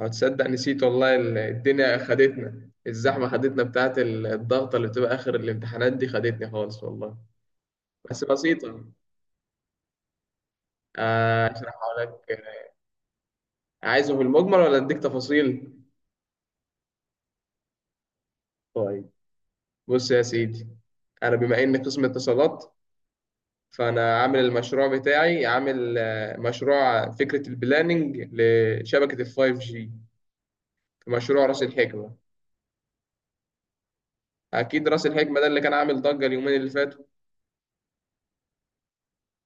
هتصدق نسيت والله، الدنيا خدتنا، الزحمة خدتنا بتاعت الضغطة اللي بتبقى آخر الامتحانات دي، خدتني خالص والله. بس بسيطة. أشرح لك. عايزه في المجمل ولا أديك تفاصيل؟ طيب، بص يا سيدي. أنا بما إني قسم اتصالات، فأنا عامل المشروع بتاعي، عامل مشروع فكرة البلاننج لشبكة الفايف جي في مشروع رأس الحكمة. أكيد رأس الحكمة ده اللي كان عامل ضجة اليومين اللي فاتوا،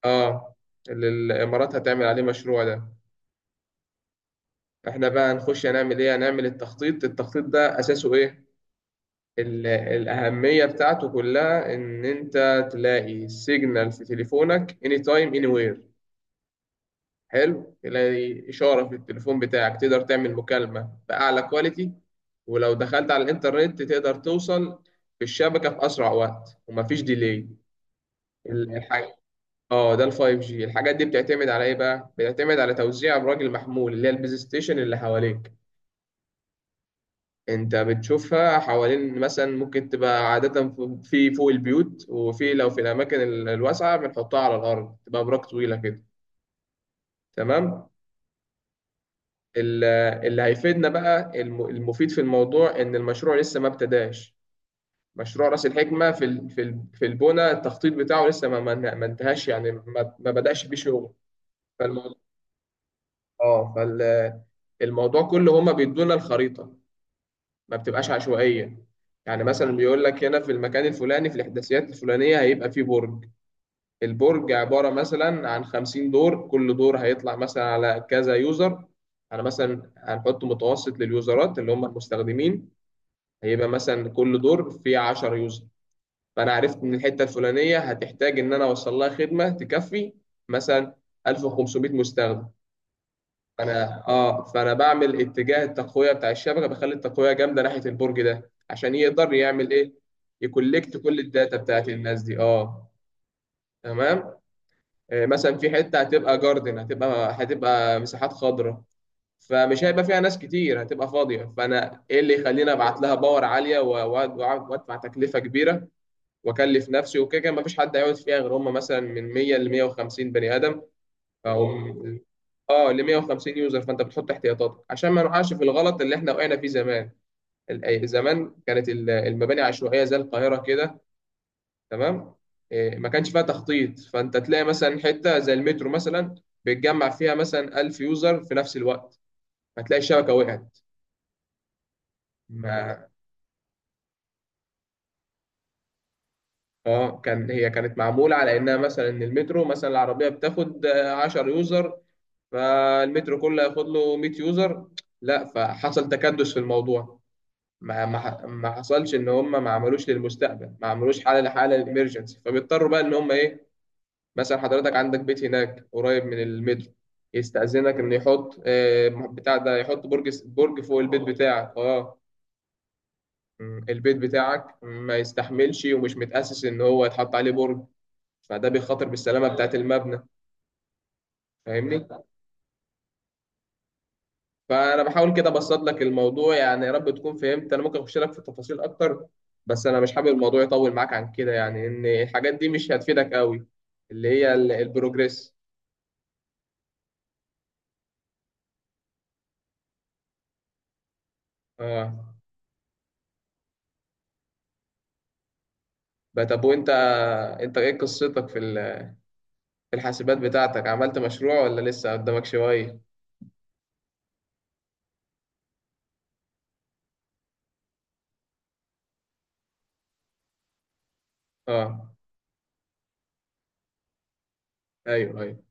آه، اللي الإمارات هتعمل عليه مشروع ده. احنا بقى نخش هنعمل ايه؟ هنعمل التخطيط. التخطيط ده اساسه ايه؟ الاهميه بتاعته كلها ان انت تلاقي سيجنال في تليفونك، اني تايم اني وير. حلو، تلاقي اشاره في التليفون بتاعك، تقدر تعمل مكالمه باعلى كواليتي، ولو دخلت على الانترنت تقدر توصل في الشبكه في اسرع وقت ومفيش ديلي الحاجه. اه، ده ال 5G. الحاجات دي بتعتمد على ايه بقى؟ بتعتمد على توزيع براجل محمول اللي هي البيز ستيشن اللي حواليك. انت بتشوفها حوالين، مثلا ممكن تبقى عادة في فوق البيوت، وفي لو في الأماكن الواسعة بنحطها على الأرض تبقى براك طويلة كده. تمام. ال- اللي هيفيدنا بقى، المفيد في الموضوع إن المشروع لسه ما ابتداش. مشروع رأس الحكمة في في البنى، التخطيط بتاعه لسه ما انتهاش، يعني ما بدأش بيه شغل. فالموضوع اه فال- الموضوع كله هما بيدونا الخريطة، ما بتبقاش عشوائية. يعني مثلا بيقول لك هنا في المكان الفلاني في الإحداثيات الفلانية هيبقى فيه برج. البرج عبارة مثلا عن 50 دور، كل دور هيطلع مثلا على كذا يوزر. أنا مثلا هنحط متوسط لليوزرات، اللي هم المستخدمين، هيبقى مثلا كل دور فيه 10 يوزر. فأنا عرفت إن الحتة الفلانية هتحتاج إن أنا أوصل لها خدمة تكفي مثلا 1500 مستخدم. انا اه فانا بعمل اتجاه التقويه بتاع الشبكه، بخلي التقويه جامده ناحيه البرج ده عشان يقدر يعمل ايه، يكولكت كل الداتا بتاعت الناس دي. اه، تمام. مثلا في حته هتبقى جاردن، هتبقى مساحات خضراء، فمش هيبقى فيها ناس كتير، هتبقى فاضيه. فانا ايه اللي يخليني ابعت لها باور عاليه وادفع تكلفه كبيره واكلف نفسي؟ وكده كده مفيش حد هيقعد فيها غير هم مثلا من 100 ل 150 بني ادم. فهو اه ل 150 يوزر، فانت بتحط احتياطاتك عشان ما نقعش في الغلط اللي احنا وقعنا فيه زمان. زمان كانت المباني عشوائيه زي القاهره كده، تمام. إيه، ما كانش فيها تخطيط، فانت تلاقي مثلا حته زي المترو مثلا بيتجمع فيها مثلا 1000 يوزر في نفس الوقت، هتلاقي الشبكه وقعت. ما اه كان هي كانت معموله على انها مثلا ان المترو مثلا العربيه بتاخد 10 يوزر، فالمترو كله ياخد له 100 يوزر. لا، فحصل تكدس في الموضوع. ما حصلش ان هم ما عملوش للمستقبل، ما عملوش حاله لحاله للامرجنسي. فبيضطروا بقى ان هم ايه، مثلا حضرتك عندك بيت هناك قريب من المترو، يستأذنك ان يحط بتاع ده، يحط برج فوق البيت بتاعك. اه. البيت بتاعك ما يستحملش ومش متأسس ان هو يتحط عليه برج، فده بيخاطر بالسلامه بتاعت المبنى. فاهمني؟ فانا بحاول كده ابسط لك الموضوع يعني، يا رب تكون فهمت. انا ممكن اخش لك في التفاصيل اكتر، بس انا مش حابب الموضوع يطول معاك عن كده، يعني ان الحاجات دي مش هتفيدك قوي، اللي هي البروجريس. اه. بقى طب، وانت، انت ايه قصتك في الحاسبات بتاعتك؟ عملت مشروع ولا لسه قدامك شوية؟ اه. ايوه، ايوه،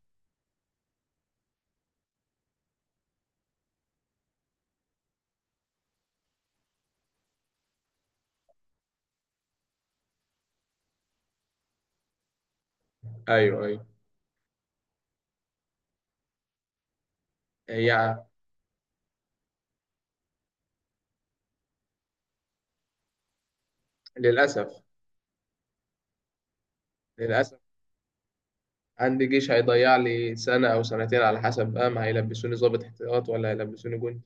ايوه، ايوه. هي، للاسف. للاسف، عندي جيش هيضيع لي سنة او سنتين، على حسب بقى ما هيلبسوني ضابط احتياط ولا هيلبسوني جندي.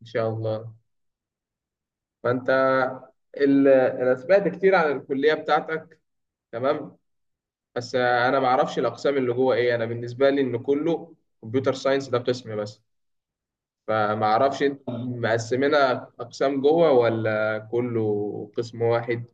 ان شاء الله. فانت، انا سمعت كتير عن الكليه بتاعتك، تمام، بس انا ما اعرفش الاقسام اللي جوه ايه. انا بالنسبه لي ان كله كمبيوتر ساينس، ده قسم بس. فما اعرفش انت مقسمينها اقسام جوه ولا كله قسم واحد.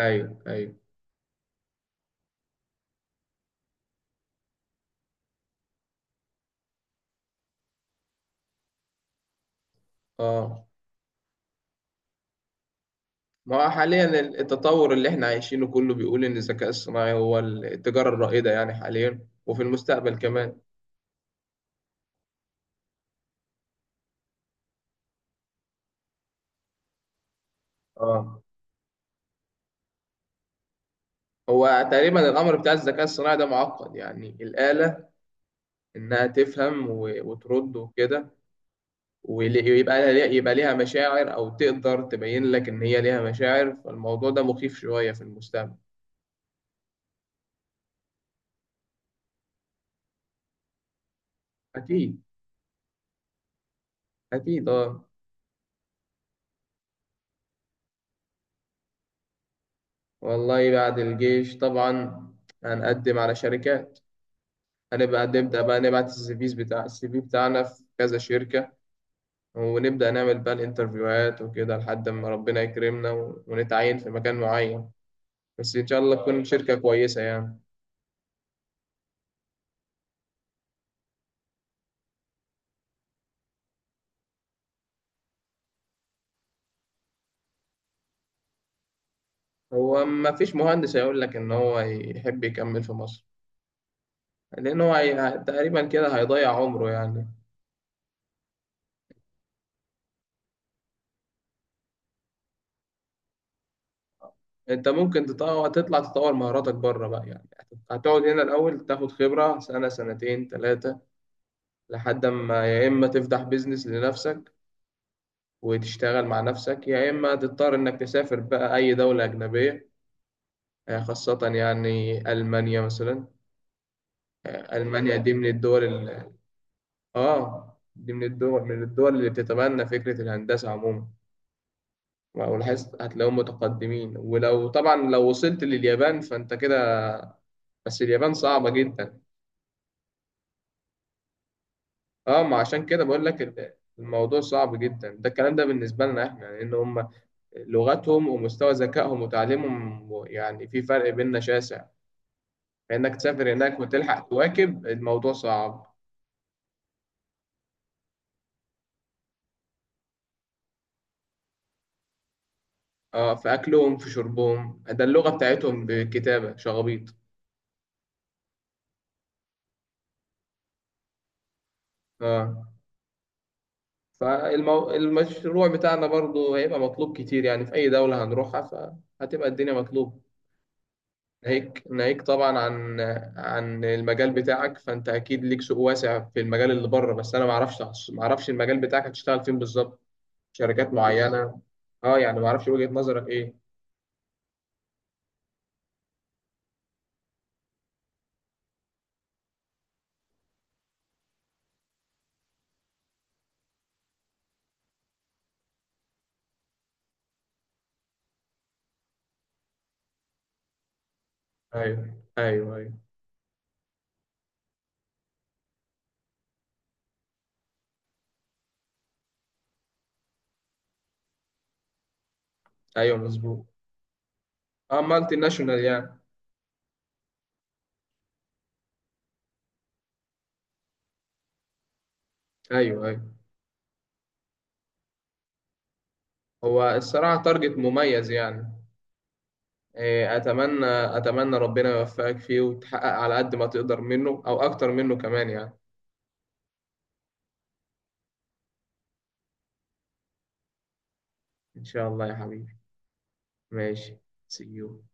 ايوه، ايوه. اه، ما هو حاليا التطور اللي احنا عايشينه كله بيقول ان الذكاء الصناعي هو التجاره الرائده يعني، حاليا وفي المستقبل كمان. اه هو تقريبا الامر بتاع الذكاء الصناعي ده معقد يعني، الاله انها تفهم وترد وكده، ول- ويبقى لها يبقى ليها مشاعر، او تقدر تبين لك ان هي ليها مشاعر، فالموضوع ده مخيف شوية في المستقبل. اكيد، اكيد. اه، والله بعد الجيش طبعا هنقدم على شركات. هنبقى نبدأ بقى نبعت السيفيز بتاع السي في بتاعنا في كذا شركة، ونبدأ نعمل بقى الانترفيوهات وكده، لحد ما ربنا يكرمنا ونتعين في مكان معين. بس إن شاء الله تكون شركة كويسة يعني. هو ما فيش مهندس هيقول لك ان هو يحب يكمل في مصر، لان تقريبا كده هيضيع عمره يعني. انت ممكن تطلع تطور مهاراتك بره بقى يعني. هتقعد هنا الاول تاخد خبرة سنة، سنتين، ثلاثة، لحد ما يا اما تفتح بيزنس لنفسك وتشتغل مع نفسك، يا اما تضطر انك تسافر بقى اي دولة اجنبية. خاصة يعني المانيا مثلا. المانيا دي من الدول اه، دي من الدول، اللي بتتبنى فكرة الهندسة عموما، او لاحظت هتلاقيهم متقدمين. ولو طبعا لو وصلت لليابان فانت كده، بس اليابان صعبة جدا. اه ما عشان كده بقول لك، الموضوع صعب جدا ده، الكلام ده بالنسبة لنا احنا، لان يعني هم لغتهم ومستوى ذكائهم وتعليمهم، يعني في فرق بيننا شاسع، فانك تسافر هناك وتلحق تواكب الموضوع صعب. اه في اكلهم، في شربهم ده، اللغة بتاعتهم بكتابة شغبيط اه. فالمشروع بتاعنا برضو هيبقى مطلوب كتير يعني في اي دولة هنروحها، فهتبقى الدنيا مطلوبة. ناهيك طبعا عن، عن المجال بتاعك، فانت اكيد ليك سوق واسع في المجال اللي بره، بس انا ما اعرفش، ما اعرفش المجال بتاعك هتشتغل فين بالظبط، شركات معينه. اه يعني ما اعرفش وجهه نظرك ايه. ايوه، ايوه، ايوه، ايوه، مظبوط. اه، مالتي ناشونال يعني. ايوه، ايوه. هو الصراحه تارجت مميز يعني. إيه، اتمنى، اتمنى ربنا يوفقك فيه وتحقق على قد ما تقدر منه او اكتر منه كمان يعني. ان شاء الله يا حبيبي. ماشي. see you.